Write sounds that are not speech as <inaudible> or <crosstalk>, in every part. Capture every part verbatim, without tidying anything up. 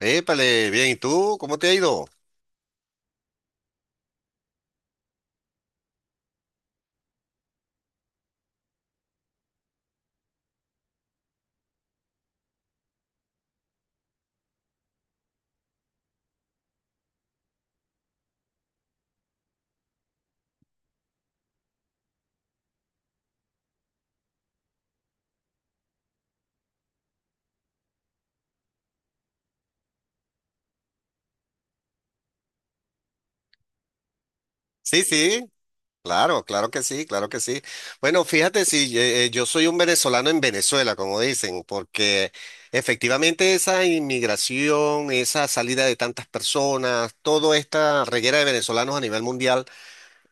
Épale, bien, ¿y tú? ¿Cómo te ha ido? Sí, sí, claro, claro que sí, claro que sí. Bueno, fíjate, si yo soy un venezolano en Venezuela, como dicen, porque efectivamente esa inmigración, esa salida de tantas personas, toda esta reguera de venezolanos a nivel mundial,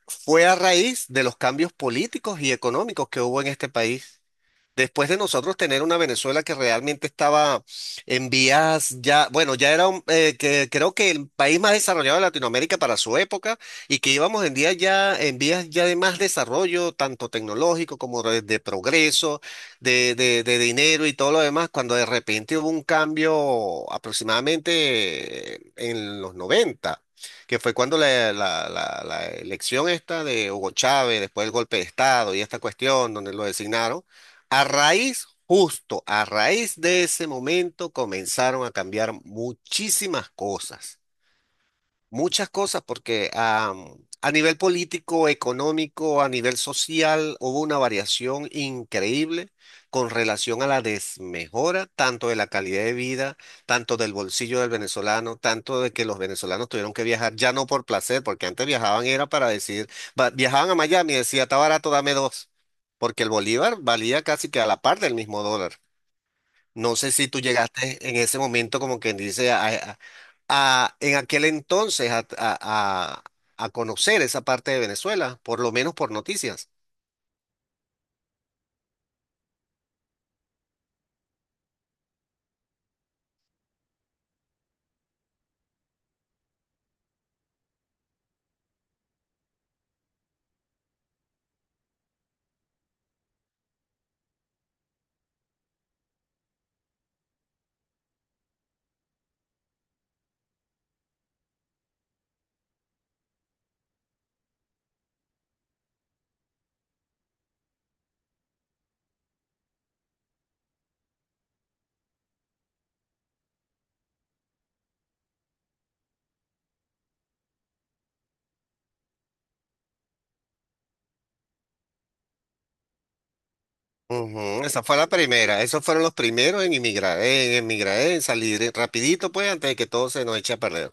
fue a raíz de los cambios políticos y económicos que hubo en este país. Después de nosotros tener una Venezuela que realmente estaba en vías ya, bueno, ya era un, eh, que creo que el país más desarrollado de Latinoamérica para su época y que íbamos en día ya en vías ya de más desarrollo, tanto tecnológico como de, de progreso, de, de, de dinero y todo lo demás, cuando de repente hubo un cambio aproximadamente eh, en los noventa, que fue cuando la, la, la la elección esta de Hugo Chávez, después del golpe de Estado y esta cuestión donde lo designaron a raíz, justo a raíz de ese momento, comenzaron a cambiar muchísimas cosas. Muchas cosas, porque am, a nivel político, económico, a nivel social, hubo una variación increíble con relación a la desmejora, tanto de la calidad de vida, tanto del bolsillo del venezolano, tanto de que los venezolanos tuvieron que viajar, ya no por placer, porque antes viajaban era para decir, va- viajaban a Miami y decía, está barato, dame dos, porque el bolívar valía casi que a la par del mismo dólar. No sé si tú llegaste en ese momento, como quien dice, a, a- a- en aquel entonces a, a- a- a conocer esa parte de Venezuela, por lo menos por noticias. Ujú, esa fue la primera, esos fueron los primeros en emigrar, en emigrar, en salir eh, rapidito, pues, antes de que todo se nos eche a perder.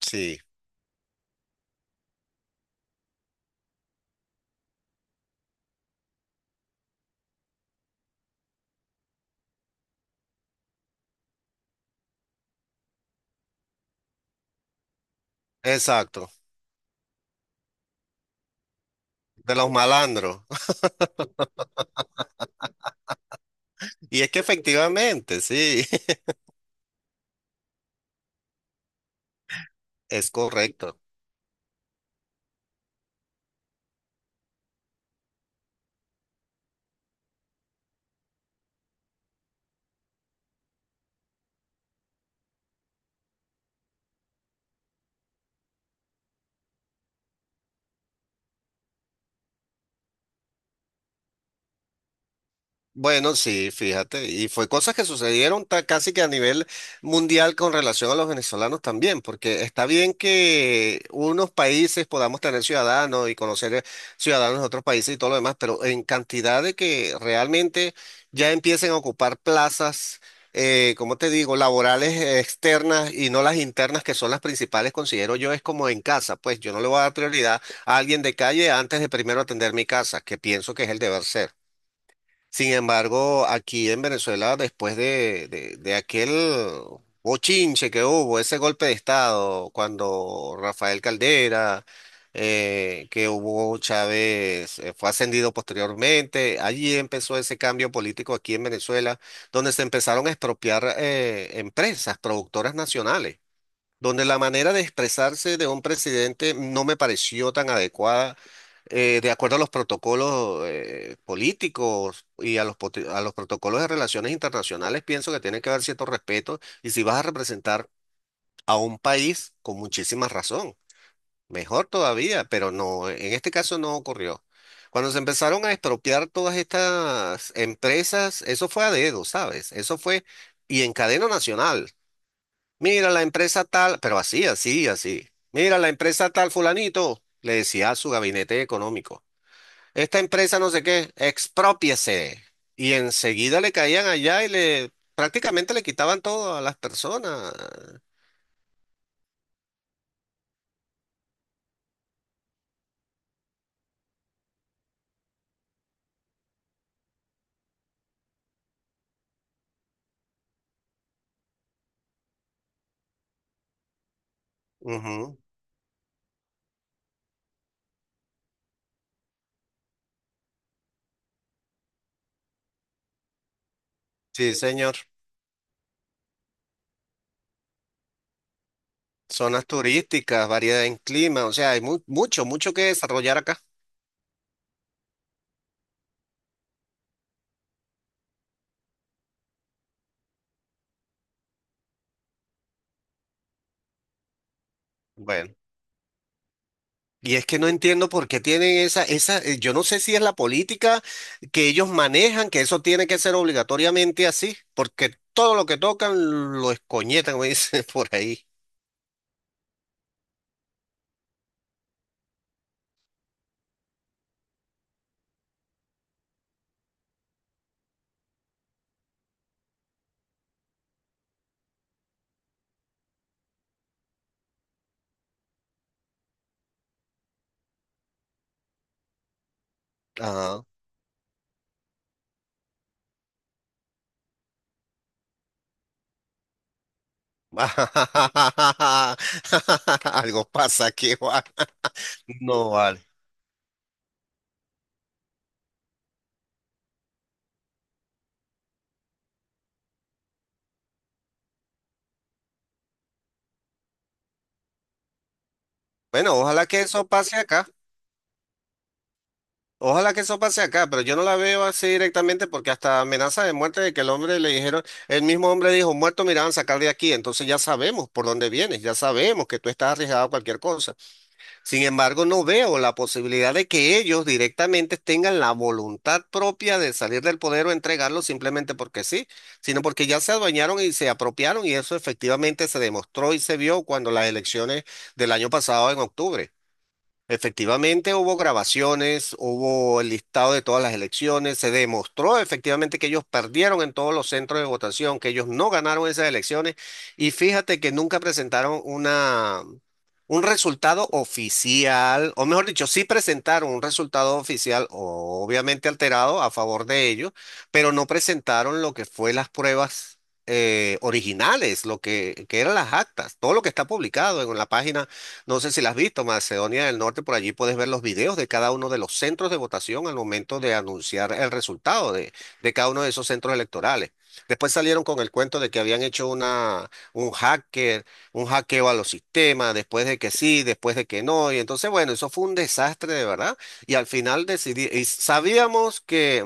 Sí, exacto, de los malandros. <laughs> Y es que efectivamente, sí, <laughs> es correcto. Bueno, sí, fíjate, y fue cosas que sucedieron ta- casi que a nivel mundial con relación a los venezolanos también, porque está bien que unos países podamos tener ciudadanos y conocer eh, ciudadanos de otros países y todo lo demás, pero en cantidad de que realmente ya empiecen a ocupar plazas, eh, como te digo, laborales eh, externas y no las internas, que son las principales, considero yo, es como en casa, pues yo no le voy a dar prioridad a alguien de calle antes de primero atender mi casa, que pienso que es el deber ser. Sin embargo, aquí en Venezuela, después de, de, de aquel bochinche que hubo, ese golpe de Estado, cuando Rafael Caldera, eh, que Hugo Chávez eh, fue ascendido posteriormente, allí empezó ese cambio político aquí en Venezuela, donde se empezaron a expropiar eh, empresas, productoras nacionales donde la manera de expresarse de un presidente no me pareció tan adecuada, eh, de acuerdo a los protocolos eh, políticos y a los, poti- a los protocolos de relaciones internacionales, pienso que tiene que haber cierto respeto y si vas a representar a un país con muchísima razón, mejor todavía, pero no, en este caso no ocurrió. Cuando se empezaron a expropiar todas estas empresas, eso fue a dedo, ¿sabes? Eso fue y en cadena nacional. Mira, la empresa tal, pero así, así, así. Mira, la empresa tal, fulanito, le decía a su gabinete económico. Esta empresa no sé qué, exprópiese. Y enseguida le caían allá y le prácticamente le quitaban todo a las personas. Ujú. Sí, señor. Zonas turísticas, variedad en clima, o sea, hay mu- mucho, mucho que desarrollar acá. Bueno. Y es que no entiendo por qué tienen esa, esa, eh, yo no sé si es la política que ellos manejan, que eso tiene que ser obligatoriamente así, porque todo lo que tocan lo escoñetan, como dicen <laughs> por ahí. Ajá. <laughs> Algo pasa aquí, Juan. No vale. Bueno, ojalá que eso pase acá. Ojalá que eso pase acá, pero yo no la veo así directamente porque hasta amenaza de muerte de que el hombre le dijeron, el mismo hombre dijo, muerto me irán a sacar de aquí, entonces ya sabemos por dónde vienes, ya sabemos que tú estás arriesgado a cualquier cosa. Sin embargo, no veo la posibilidad de que ellos directamente tengan la voluntad propia de salir del poder o entregarlo simplemente porque sí, sino porque ya se adueñaron y se apropiaron y eso efectivamente se demostró y se vio cuando las elecciones del año pasado en octubre. Efectivamente hubo grabaciones, hubo el listado de todas las elecciones, se demostró efectivamente que ellos perdieron en todos los centros de votación, que ellos no ganaron esas elecciones y fíjate que nunca presentaron una, un resultado oficial, o mejor dicho, sí presentaron un resultado oficial obviamente alterado a favor de ellos, pero no presentaron lo que fue las pruebas eh, originales, lo que, que eran las actas, todo lo que está publicado en la página no sé si las has visto, Macedonia del Norte, por allí puedes ver los videos de cada uno de los centros de votación al momento de anunciar el resultado de, de cada uno de esos centros electorales. Después salieron con el cuento de que habían hecho una, un hacker, un hackeo a los sistemas, después de que sí, después de que no. Y entonces, bueno, eso fue un desastre de verdad. Y al final decidí, y sabíamos que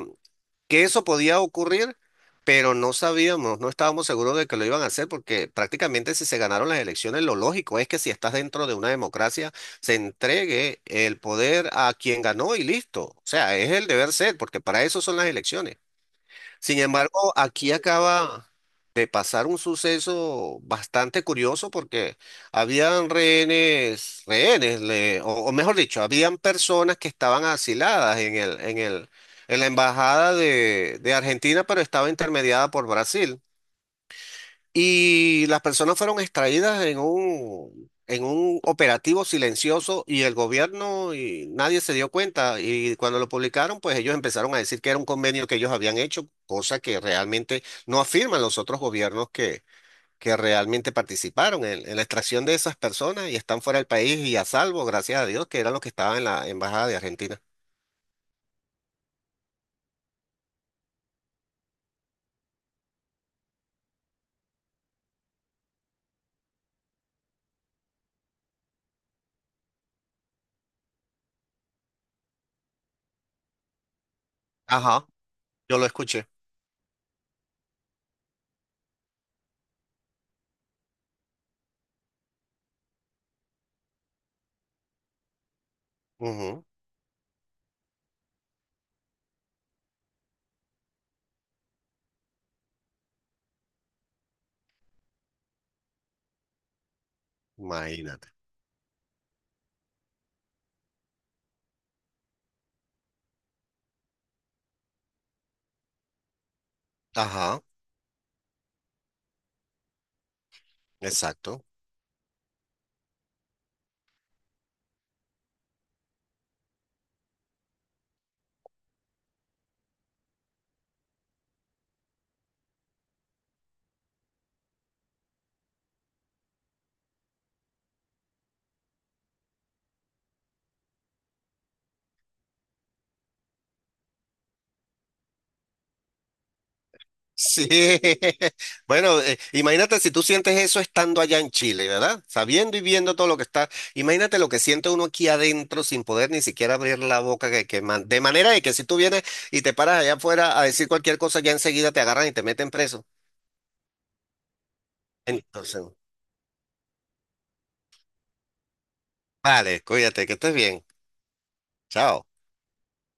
que eso podía ocurrir, pero no sabíamos, no estábamos seguros de que lo iban a hacer, porque prácticamente si se ganaron las elecciones, lo lógico es que si estás dentro de una democracia, se entregue el poder a quien ganó y listo. O sea, es el deber ser, porque para eso son las elecciones. Sin embargo, aquí acaba de pasar un suceso bastante curioso porque habían rehenes, rehenes, le- o, o mejor dicho, habían personas que estaban asiladas en el, en el, en la embajada de, de Argentina, pero estaba intermediada por Brasil. Y las personas fueron extraídas en un, en un operativo silencioso y el gobierno y nadie se dio cuenta. Y cuando lo publicaron, pues ellos empezaron a decir que era un convenio que ellos habían hecho, cosa que realmente no afirman los otros gobiernos que, que realmente participaron en, en la extracción de esas personas y están fuera del país y a salvo, gracias a Dios, que eran los que estaban en la embajada de Argentina. Ajá, yo lo escuché. Ujú. Imagínate. Ajá, exacto. Sí, <laughs> bueno, eh, imagínate si tú sientes eso estando allá en Chile, ¿verdad? Sabiendo y viendo todo lo que está, imagínate lo que siente uno aquí adentro sin poder ni siquiera abrir la boca, que, que man- de manera de que si tú vienes y te paras allá afuera a decir cualquier cosa, ya enseguida te agarran y te meten preso. Entonces, vale, cuídate, que estés bien. Chao.